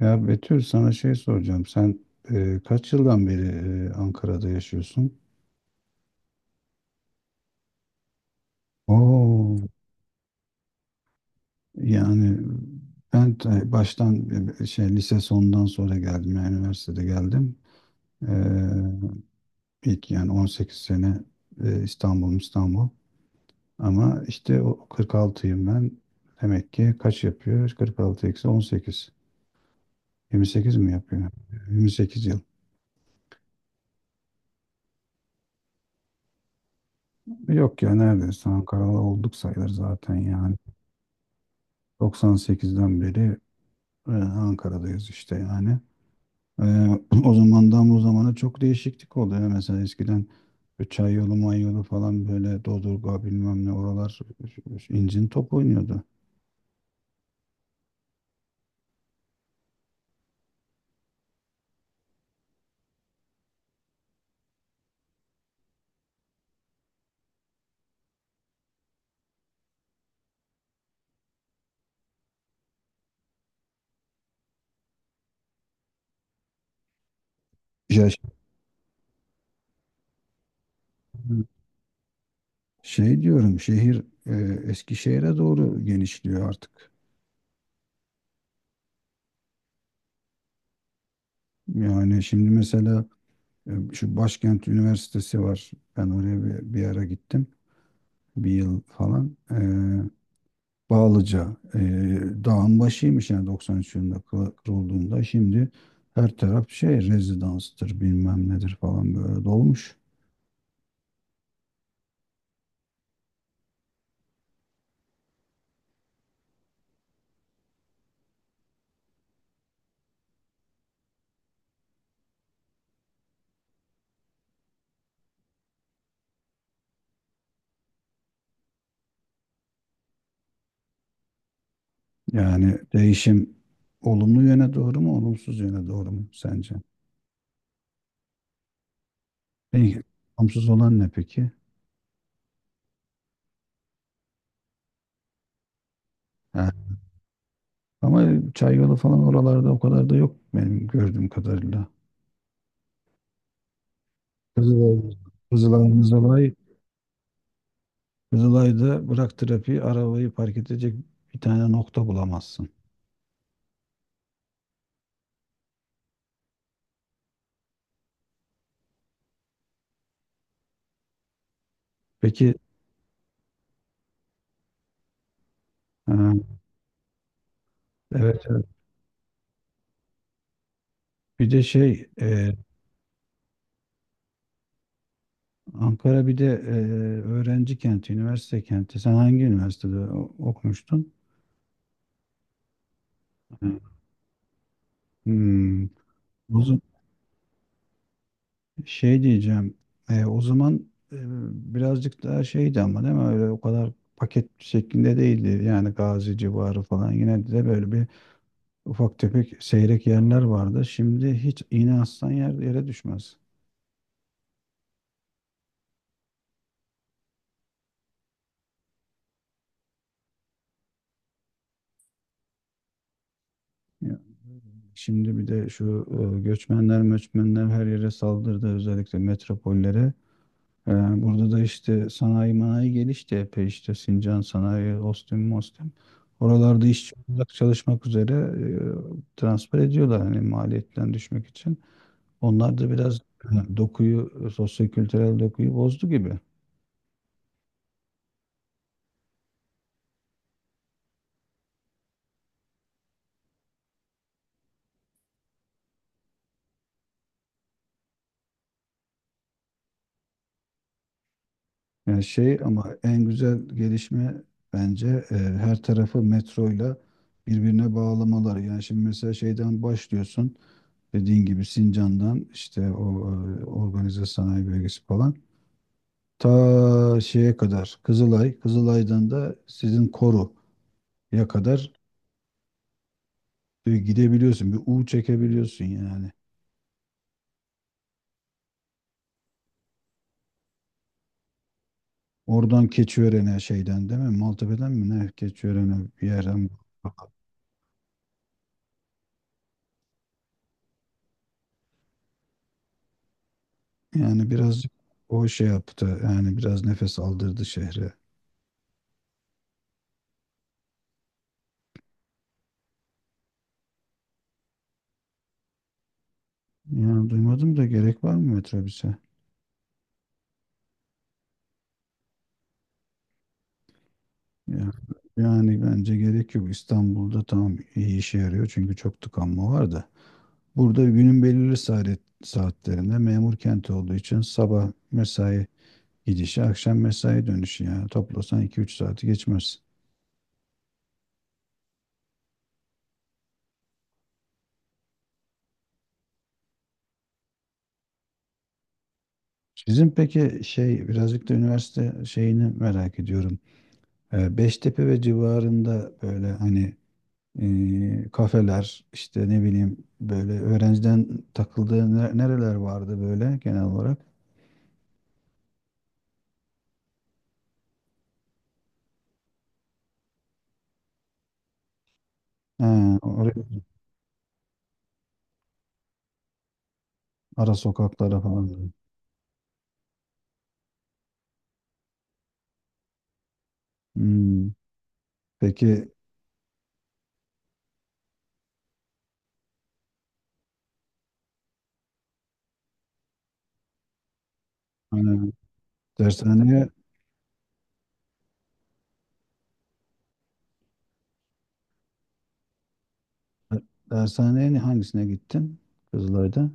Ya Betül, sana şey soracağım. Sen kaç yıldan beri Ankara'da yaşıyorsun? Oo, yani ben baştan şey lise sonundan sonra geldim. Yani üniversitede geldim. E, ilk yani 18 sene İstanbul, İstanbul. Ama işte o 46'yım ben. Demek ki kaç yapıyor? 46 eksi 18. 28 mi yapıyor? 28 yıl. Yok ya, neredeyse Ankaralı olduk sayılır zaten yani. 98'den beri Ankara'dayız işte yani. Ee, O zamandan bu zamana çok değişiklik oldu ya. Mesela eskiden bir çay yolu, may yolu falan böyle Dodurga bilmem ne oralar incin top oynuyordu. Ya şimdi şey diyorum, şehir Eskişehir'e doğru genişliyor artık. Yani şimdi mesela şu Başkent Üniversitesi var. Ben oraya bir ara gittim. Bir yıl falan. Bağlıca dağın başıymış yani 93 yılında kurulduğunda şimdi her taraf şey rezidanstır bilmem nedir falan böyle dolmuş. Yani değişim olumlu yöne doğru mu, olumsuz yöne doğru mu sence? Peki, olumsuz olan ne peki? Ha, ama Çayyolu falan oralarda o kadar da yok benim gördüğüm kadarıyla. Kızılay, Kızılay, Kızılay, Kızılay'da bırak trafiği, arabayı park edecek bir tane nokta bulamazsın. Peki, ha, evet, evet. Bir de şey Ankara bir de öğrenci kenti, üniversite kenti. Sen hangi üniversitede okumuştun? Hmm. O zaman şey diyeceğim. O zaman e, birazcık daha şeydi ama, değil mi? Öyle o kadar paket şeklinde değildi. Yani Gazi civarı falan. Yine de böyle bir ufak tefek seyrek yerler vardı. Şimdi hiç iğne aslan yer, yere düşmez. Ya, şimdi bir de şu göçmenler, göçmenler her yere saldırdı, özellikle metropollere. Ee, Burada da işte sanayi manayi gelişti epey, işte Sincan sanayi, Ostim, Mostim. Oralarda işçi olarak çalışmak üzere transfer ediyorlar hani maliyetten düşmek için. Onlar da biraz dokuyu, kültürel dokuyu bozdu gibi. Yani şey, ama en güzel gelişme bence her tarafı metroyla birbirine bağlamaları. Yani şimdi mesela şeyden başlıyorsun, dediğin gibi Sincan'dan işte o organize sanayi bölgesi falan. Ta şeye kadar Kızılay, Kızılay'dan da sizin Koru'ya kadar gidebiliyorsun. Bir U çekebiliyorsun yani. Oradan Keçiören'e, şeyden, değil mi? Maltepe'den mi ne? Keçiören'e bir yerden. Yani birazcık o şey yaptı. Yani biraz nefes aldırdı şehre. Yani duymadım da, gerek var mı metrobüse? Ya, yani bence gerek yok. İstanbul'da tamam, iyi işe yarıyor çünkü çok tıkanma var da. Burada günün belirli saatlerinde memur kenti olduğu için sabah mesai gidişi, akşam mesai dönüşü, yani toplasan iki üç saati geçmez. Sizin peki şey birazcık da üniversite şeyini merak ediyorum. Beştepe ve civarında böyle hani kafeler işte, ne bileyim, böyle öğrenciden takıldığı nereler vardı böyle genel olarak? Ha, oraya, ara sokaklara falan. Hmm, peki, hani, dershaneye. Hangisine gittin? Kızılay'da.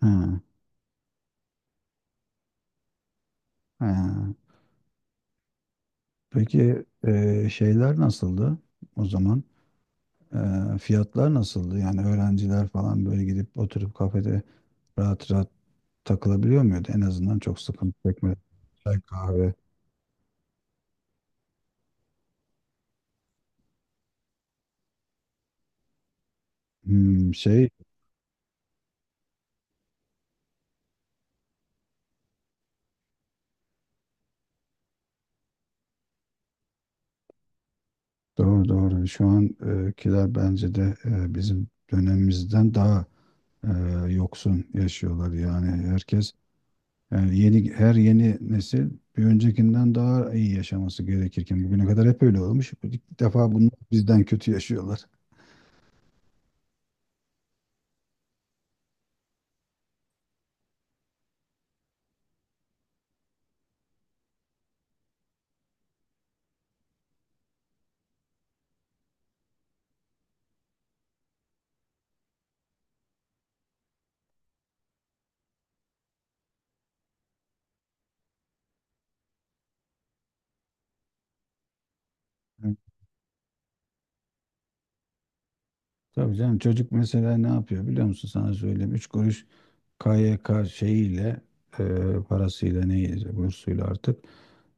Ha. Ha. Peki şeyler nasıldı o zaman? Fiyatlar nasıldı? Yani öğrenciler falan böyle gidip oturup kafede rahat rahat takılabiliyor muydu? En azından çok sıkıntı çekmedi. Çay, kahve. Hmm, şey, doğru doğru. Şu ankiler bence de bizim dönemimizden daha e, yoksun yaşıyorlar. Yani herkes Yani her yeni nesil bir öncekinden daha iyi yaşaması gerekirken bugüne kadar hep öyle olmuş. İlk defa bunlar bizden kötü yaşıyorlar. Yani, tabii canım, çocuk mesela ne yapıyor biliyor musun, sana söyleyeyim. Üç kuruş KYK şeyiyle e, parasıyla, neyse, bursuyla artık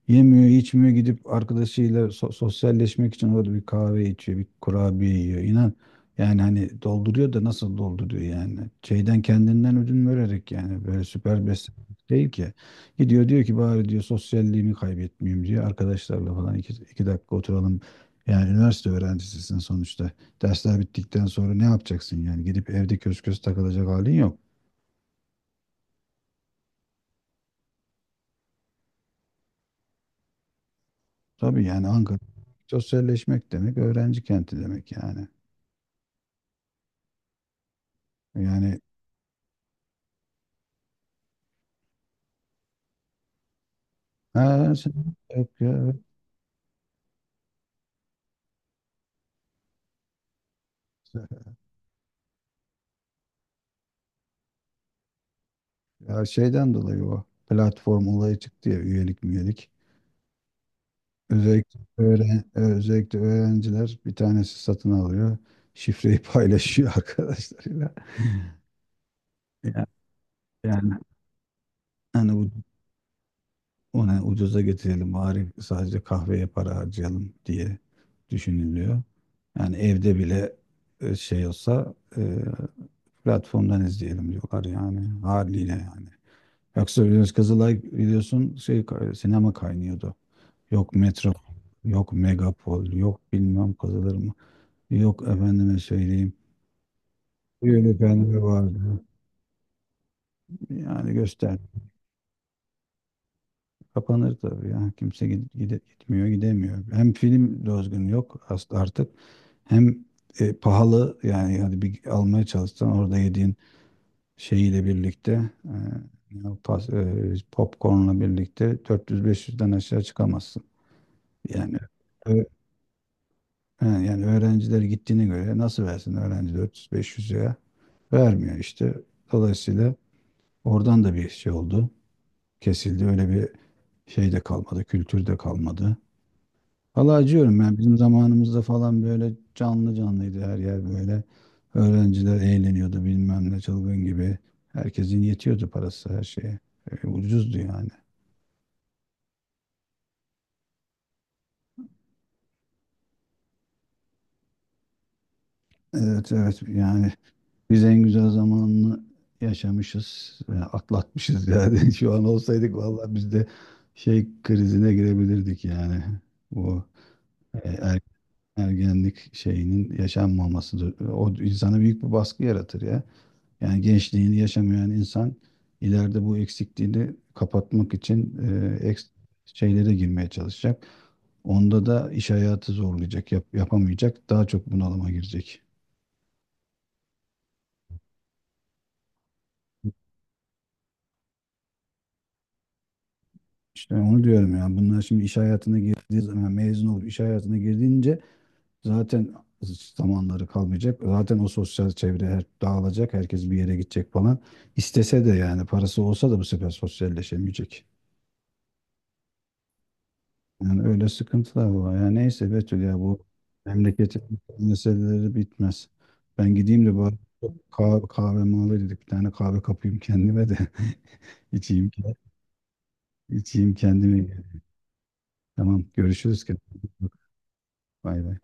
yemiyor, içmiyor, gidip arkadaşıyla sosyalleşmek için orada bir kahve içiyor, bir kurabiye yiyor. İnan, yani hani dolduruyor da nasıl dolduruyor yani. Şeyden, kendinden ödün vererek, yani böyle süper beslenmek değil ki. Gidiyor diyor ki, bari diyor, sosyalliğimi kaybetmeyeyim diyor. Arkadaşlarla falan iki dakika oturalım. Yani üniversite öğrencisisin sonuçta. Dersler bittikten sonra ne yapacaksın yani? Gidip evde kös kös takılacak halin yok. Tabii yani, Ankara sosyalleşmek demek, öğrenci kenti demek yani. Yani, ha, yok ya. Evet. Ya, şeyden dolayı o platform olayı çıktı ya, üyelik, üyelik. Evet, özellikle öğrenciler bir tanesi satın alıyor. Şifreyi paylaşıyor arkadaşlarıyla. Ya- Yani hani bu ona ucuza getirelim, bari sadece kahveye para harcayalım diye düşünülüyor. Yani evde bile şey olsa, platformdan izleyelim diyorlar yani, haliyle yani. Yoksa biliyorsun Kızılay, biliyorsun şey sinema kaynıyordu. Yok metro, yok megapol, yok bilmem kazılır mı. Yok efendime söyleyeyim. Buyurun efendime vardı. Yani göster. Kapanır tabii ya. Kimse gitmiyor, gidemiyor. Hem film dozgun yok aslında artık. Hem pahalı, yani hadi bir almaya çalışsan orada yediğin şeyiyle birlikte e, popcornla birlikte 400-500'den aşağı çıkamazsın. Yani, he, yani öğrenciler gittiğine göre, nasıl versin öğrenci, 400-500 liraya vermiyor işte. Dolayısıyla oradan da bir şey oldu. Kesildi. Öyle bir şey de kalmadı. Kültür de kalmadı. Valla acıyorum yani, bizim zamanımızda falan böyle canlı canlıydı her yer böyle. Öğrenciler eğleniyordu bilmem ne, çılgın gibi. Herkesin yetiyordu parası her şeye. Ucuzdu yani. Evet, evet, yani biz en güzel zamanını yaşamışız, atlatmışız yani. Şu an olsaydık, vallahi biz de şey krizine girebilirdik yani. Bu e, er- ergenlik şeyinin yaşanmaması da- o insana büyük bir baskı yaratır ya. Yani gençliğini yaşamayan insan ileride bu eksikliğini kapatmak için eks- şeylere girmeye çalışacak. Onda da iş hayatı zorlayacak, yapamayacak, daha çok bunalıma girecek. İşte onu diyorum yani, bunlar şimdi iş hayatına girdiği zaman, yani mezun olup iş hayatına girdiğince zaten zamanları kalmayacak. Zaten o sosyal çevre dağılacak. Herkes bir yere gidecek falan. İstese de, yani parası olsa da, bu sefer sosyalleşemeyecek. Yani öyle sıkıntılar var. Yani neyse Betül ya, bu memleketin meseleleri bitmez. Ben gideyim de bari kahve, kahve mavi dedik, bir tane kahve kapayım kendime de içeyim, içeyim kendime. Tamam, görüşürüz. Kendine iyi bak. Bay bay.